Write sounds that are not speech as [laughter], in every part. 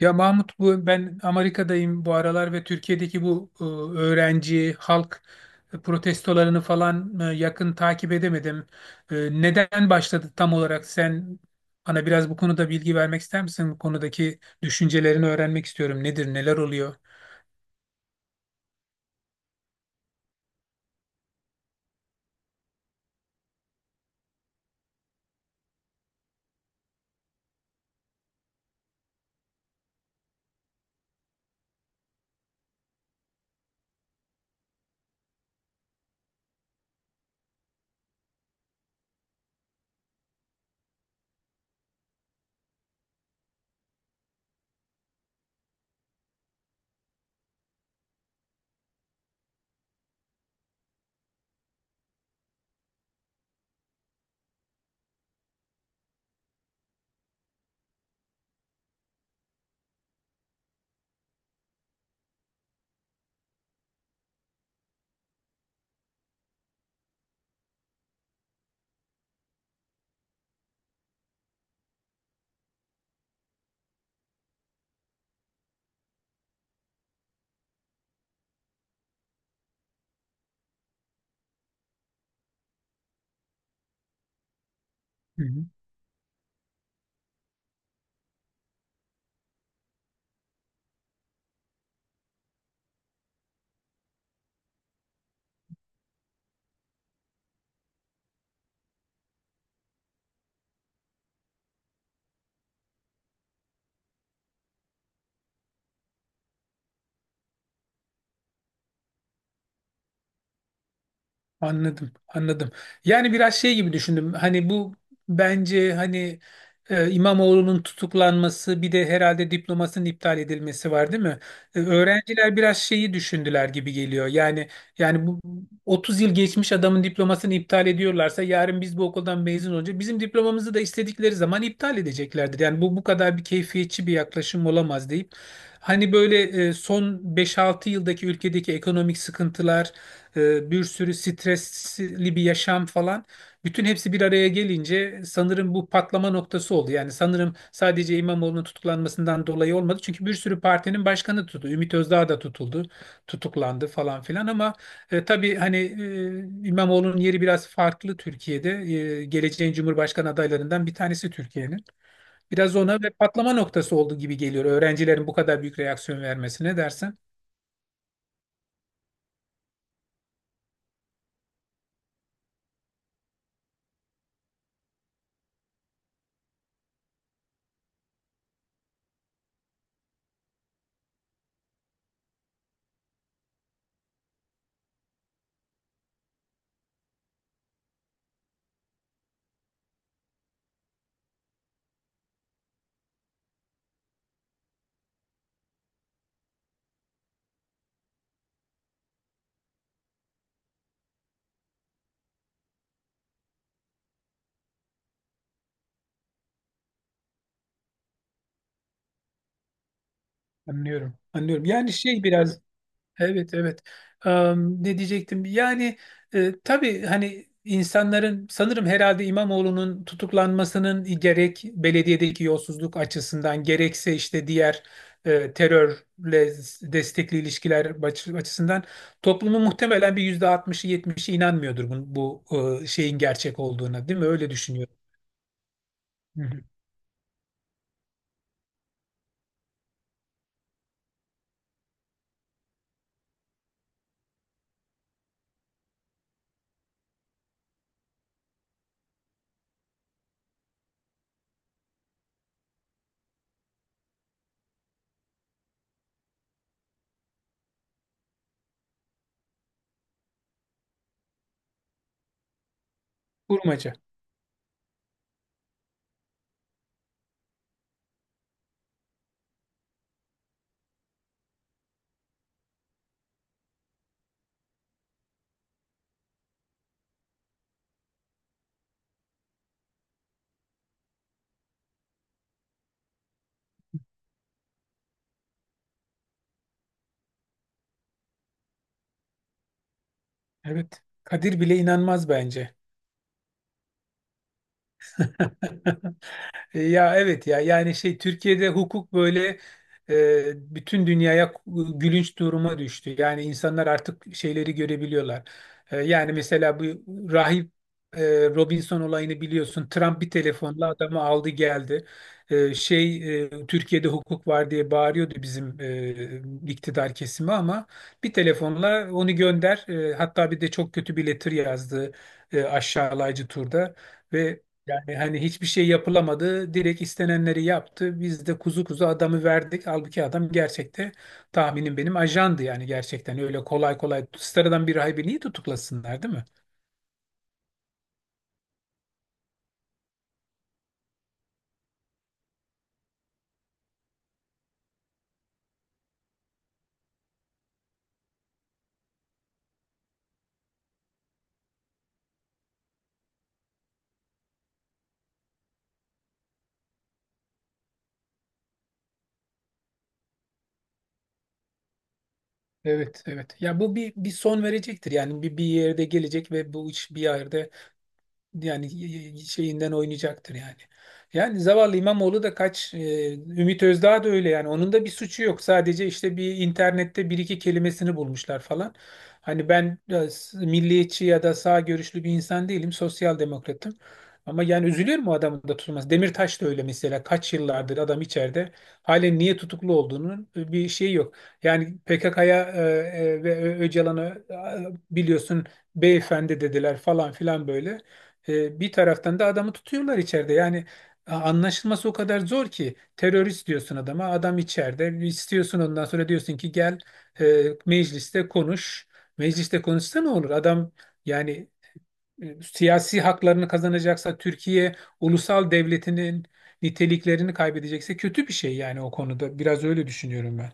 Ya Mahmut, bu ben Amerika'dayım bu aralar ve Türkiye'deki bu öğrenci halk protestolarını falan yakın takip edemedim. E, Neden başladı tam olarak? Sen bana biraz bu konuda bilgi vermek ister misin? Bu konudaki düşüncelerini öğrenmek istiyorum. Nedir, neler oluyor? Anladım, anladım. Yani biraz şey gibi düşündüm. Hani bu bence hani İmamoğlu'nun tutuklanması bir de herhalde diplomasının iptal edilmesi var değil mi? Öğrenciler biraz şeyi düşündüler gibi geliyor. Yani yani 30 yıl geçmiş adamın diplomasını iptal ediyorlarsa yarın biz bu okuldan mezun olunca bizim diplomamızı da istedikleri zaman iptal edeceklerdir. Yani bu kadar bir keyfiyetçi bir yaklaşım olamaz deyip hani böyle son beş altı yıldaki ülkedeki ekonomik sıkıntılar, bir sürü stresli bir yaşam falan. Bütün hepsi bir araya gelince sanırım bu patlama noktası oldu. Yani sanırım sadece İmamoğlu'nun tutuklanmasından dolayı olmadı. Çünkü bir sürü partinin başkanı tutuldu. Ümit Özdağ da tutuldu, tutuklandı falan filan ama tabii hani İmamoğlu'nun yeri biraz farklı Türkiye'de. Geleceğin Cumhurbaşkanı adaylarından bir tanesi Türkiye'nin. Biraz ona ve patlama noktası oldu gibi geliyor öğrencilerin bu kadar büyük reaksiyon vermesine dersen. Anlıyorum. Anlıyorum. Yani şey biraz. Evet, evet. Ne diyecektim? Yani tabii hani insanların sanırım herhalde İmamoğlu'nun tutuklanmasının gerek belediyedeki yolsuzluk açısından gerekse işte diğer terörle destekli ilişkiler açısından toplumun muhtemelen bir %60'ı 70'i inanmıyordur bu şeyin gerçek olduğuna, değil mi? Öyle düşünüyorum. Hı hı. Kurmaca. Evet. Kadir bile inanmaz bence. [laughs] Ya evet, ya yani şey, Türkiye'de hukuk böyle bütün dünyaya gülünç duruma düştü. Yani insanlar artık şeyleri görebiliyorlar. Yani mesela bu rahip e, Robinson olayını biliyorsun. Trump bir telefonla adamı aldı geldi. Şey, Türkiye'de hukuk var diye bağırıyordu bizim iktidar kesimi ama bir telefonla onu gönder. Hatta bir de çok kötü bir letter yazdı, aşağılayıcı turda. Ve yani hani hiçbir şey yapılamadı. Direkt istenenleri yaptı. Biz de kuzu kuzu adamı verdik. Halbuki adam gerçekte tahminim benim ajandı, yani gerçekten. Öyle kolay kolay sıradan bir rahibi niye tutuklasınlar, değil mi? Evet, evet. Ya bu bir son verecektir. Yani bir yerde gelecek ve bu iş bir yerde, yani şeyinden oynayacaktır yani. Yani zavallı İmamoğlu da kaç, Ümit Özdağ da öyle, yani onun da bir suçu yok. Sadece işte bir internette bir iki kelimesini bulmuşlar falan. Hani ben milliyetçi ya da sağ görüşlü bir insan değilim, sosyal demokratım. Ama yani üzülüyorum o adamın da tutulması. Demirtaş da öyle mesela, kaç yıllardır adam içeride. Halen niye tutuklu olduğunun bir şeyi yok. Yani PKK'ya ve Öcalan'a, biliyorsun, beyefendi dediler falan filan böyle. Bir taraftan da adamı tutuyorlar içeride. Yani anlaşılması o kadar zor ki, terörist diyorsun adama, adam içeride. İstiyorsun, ondan sonra diyorsun ki gel mecliste konuş. Mecliste konuşsa ne olur? Adam yani siyasi haklarını kazanacaksa, Türkiye ulusal devletinin niteliklerini kaybedecekse kötü bir şey yani o konuda. Biraz öyle düşünüyorum ben.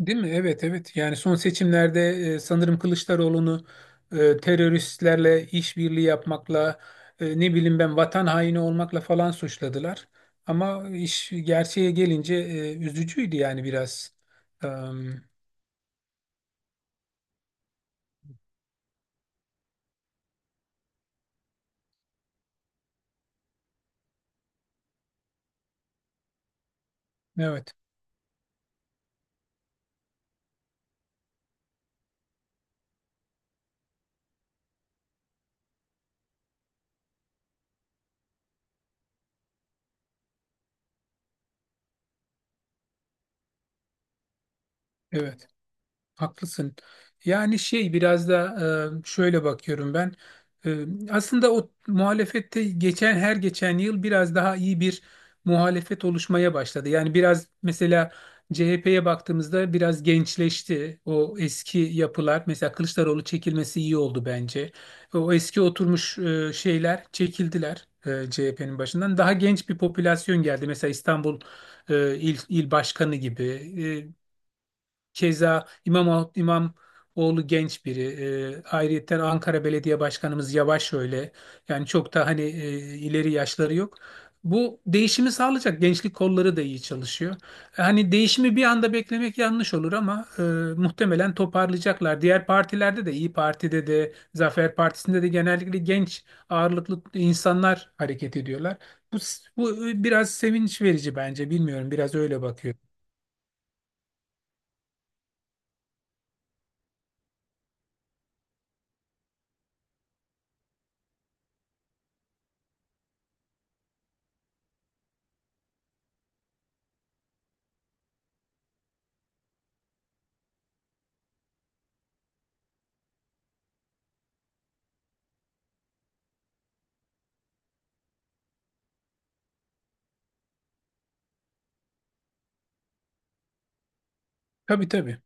Değil mi? Evet, evet. Yani son seçimlerde sanırım Kılıçdaroğlu'nu teröristlerle işbirliği yapmakla, ne bileyim ben, vatan haini olmakla falan suçladılar. Ama iş gerçeğe gelince üzücüydü yani biraz. Em, evet, evet. Haklısın. Yani şey, biraz da şöyle bakıyorum ben. E, Aslında o muhalefette geçen, her geçen yıl biraz daha iyi bir muhalefet oluşmaya başladı. Yani biraz mesela CHP'ye baktığımızda biraz gençleşti. O eski yapılar, mesela Kılıçdaroğlu çekilmesi iyi oldu bence. O eski oturmuş şeyler çekildiler CHP'nin başından. Daha genç bir popülasyon geldi. Mesela İstanbul il başkanı gibi. E, Keza İmamoğlu genç biri. Ayrıyetten Ankara Belediye Başkanımız Yavaş öyle. Yani çok da hani ileri yaşları yok. Bu değişimi sağlayacak. Gençlik kolları da iyi çalışıyor. Hani değişimi bir anda beklemek yanlış olur ama muhtemelen toparlayacaklar. Diğer partilerde de, İyi Parti'de de, Zafer Partisi'nde de genellikle genç ağırlıklı insanlar hareket ediyorlar. Bu, bu biraz sevinç verici bence. Bilmiyorum, biraz öyle bakıyor. Tabii, tabii.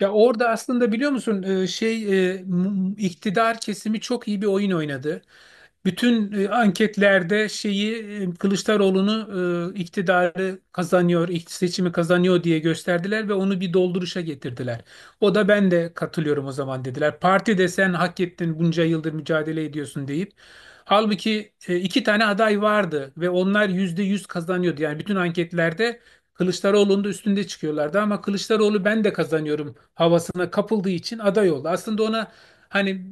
Ya orada aslında biliyor musun, iktidar kesimi çok iyi bir oyun oynadı. Bütün anketlerde şeyi, Kılıçdaroğlu'nu seçimi kazanıyor diye gösterdiler ve onu bir dolduruşa getirdiler. O da ben de katılıyorum o zaman dediler. Parti de sen hak ettin bunca yıldır mücadele ediyorsun deyip. Halbuki iki tane aday vardı ve onlar %100 kazanıyordu. Yani bütün anketlerde Kılıçdaroğlu'nun da üstünde çıkıyorlardı ama Kılıçdaroğlu ben de kazanıyorum havasına kapıldığı için aday oldu. Aslında ona hani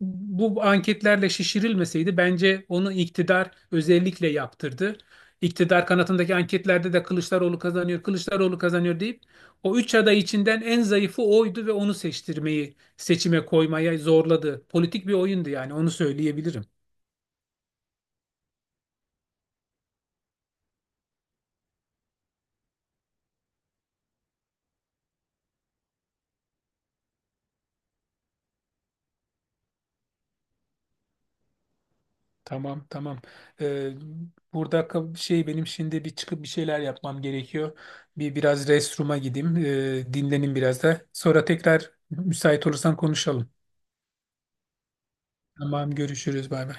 bu anketlerle şişirilmeseydi bence onu iktidar özellikle yaptırdı. İktidar kanatındaki anketlerde de Kılıçdaroğlu kazanıyor, Kılıçdaroğlu kazanıyor deyip o üç aday içinden en zayıfı oydu ve onu seçtirmeyi, seçime koymaya zorladı. Politik bir oyundu, yani onu söyleyebilirim. Tamam, tamam. Ee, Burada şey, benim şimdi bir çıkıp bir şeyler yapmam gerekiyor. Bir biraz restroom'a gideyim. Dinlenin biraz da. Sonra tekrar müsait olursan konuşalım. Tamam, görüşürüz, bay bay.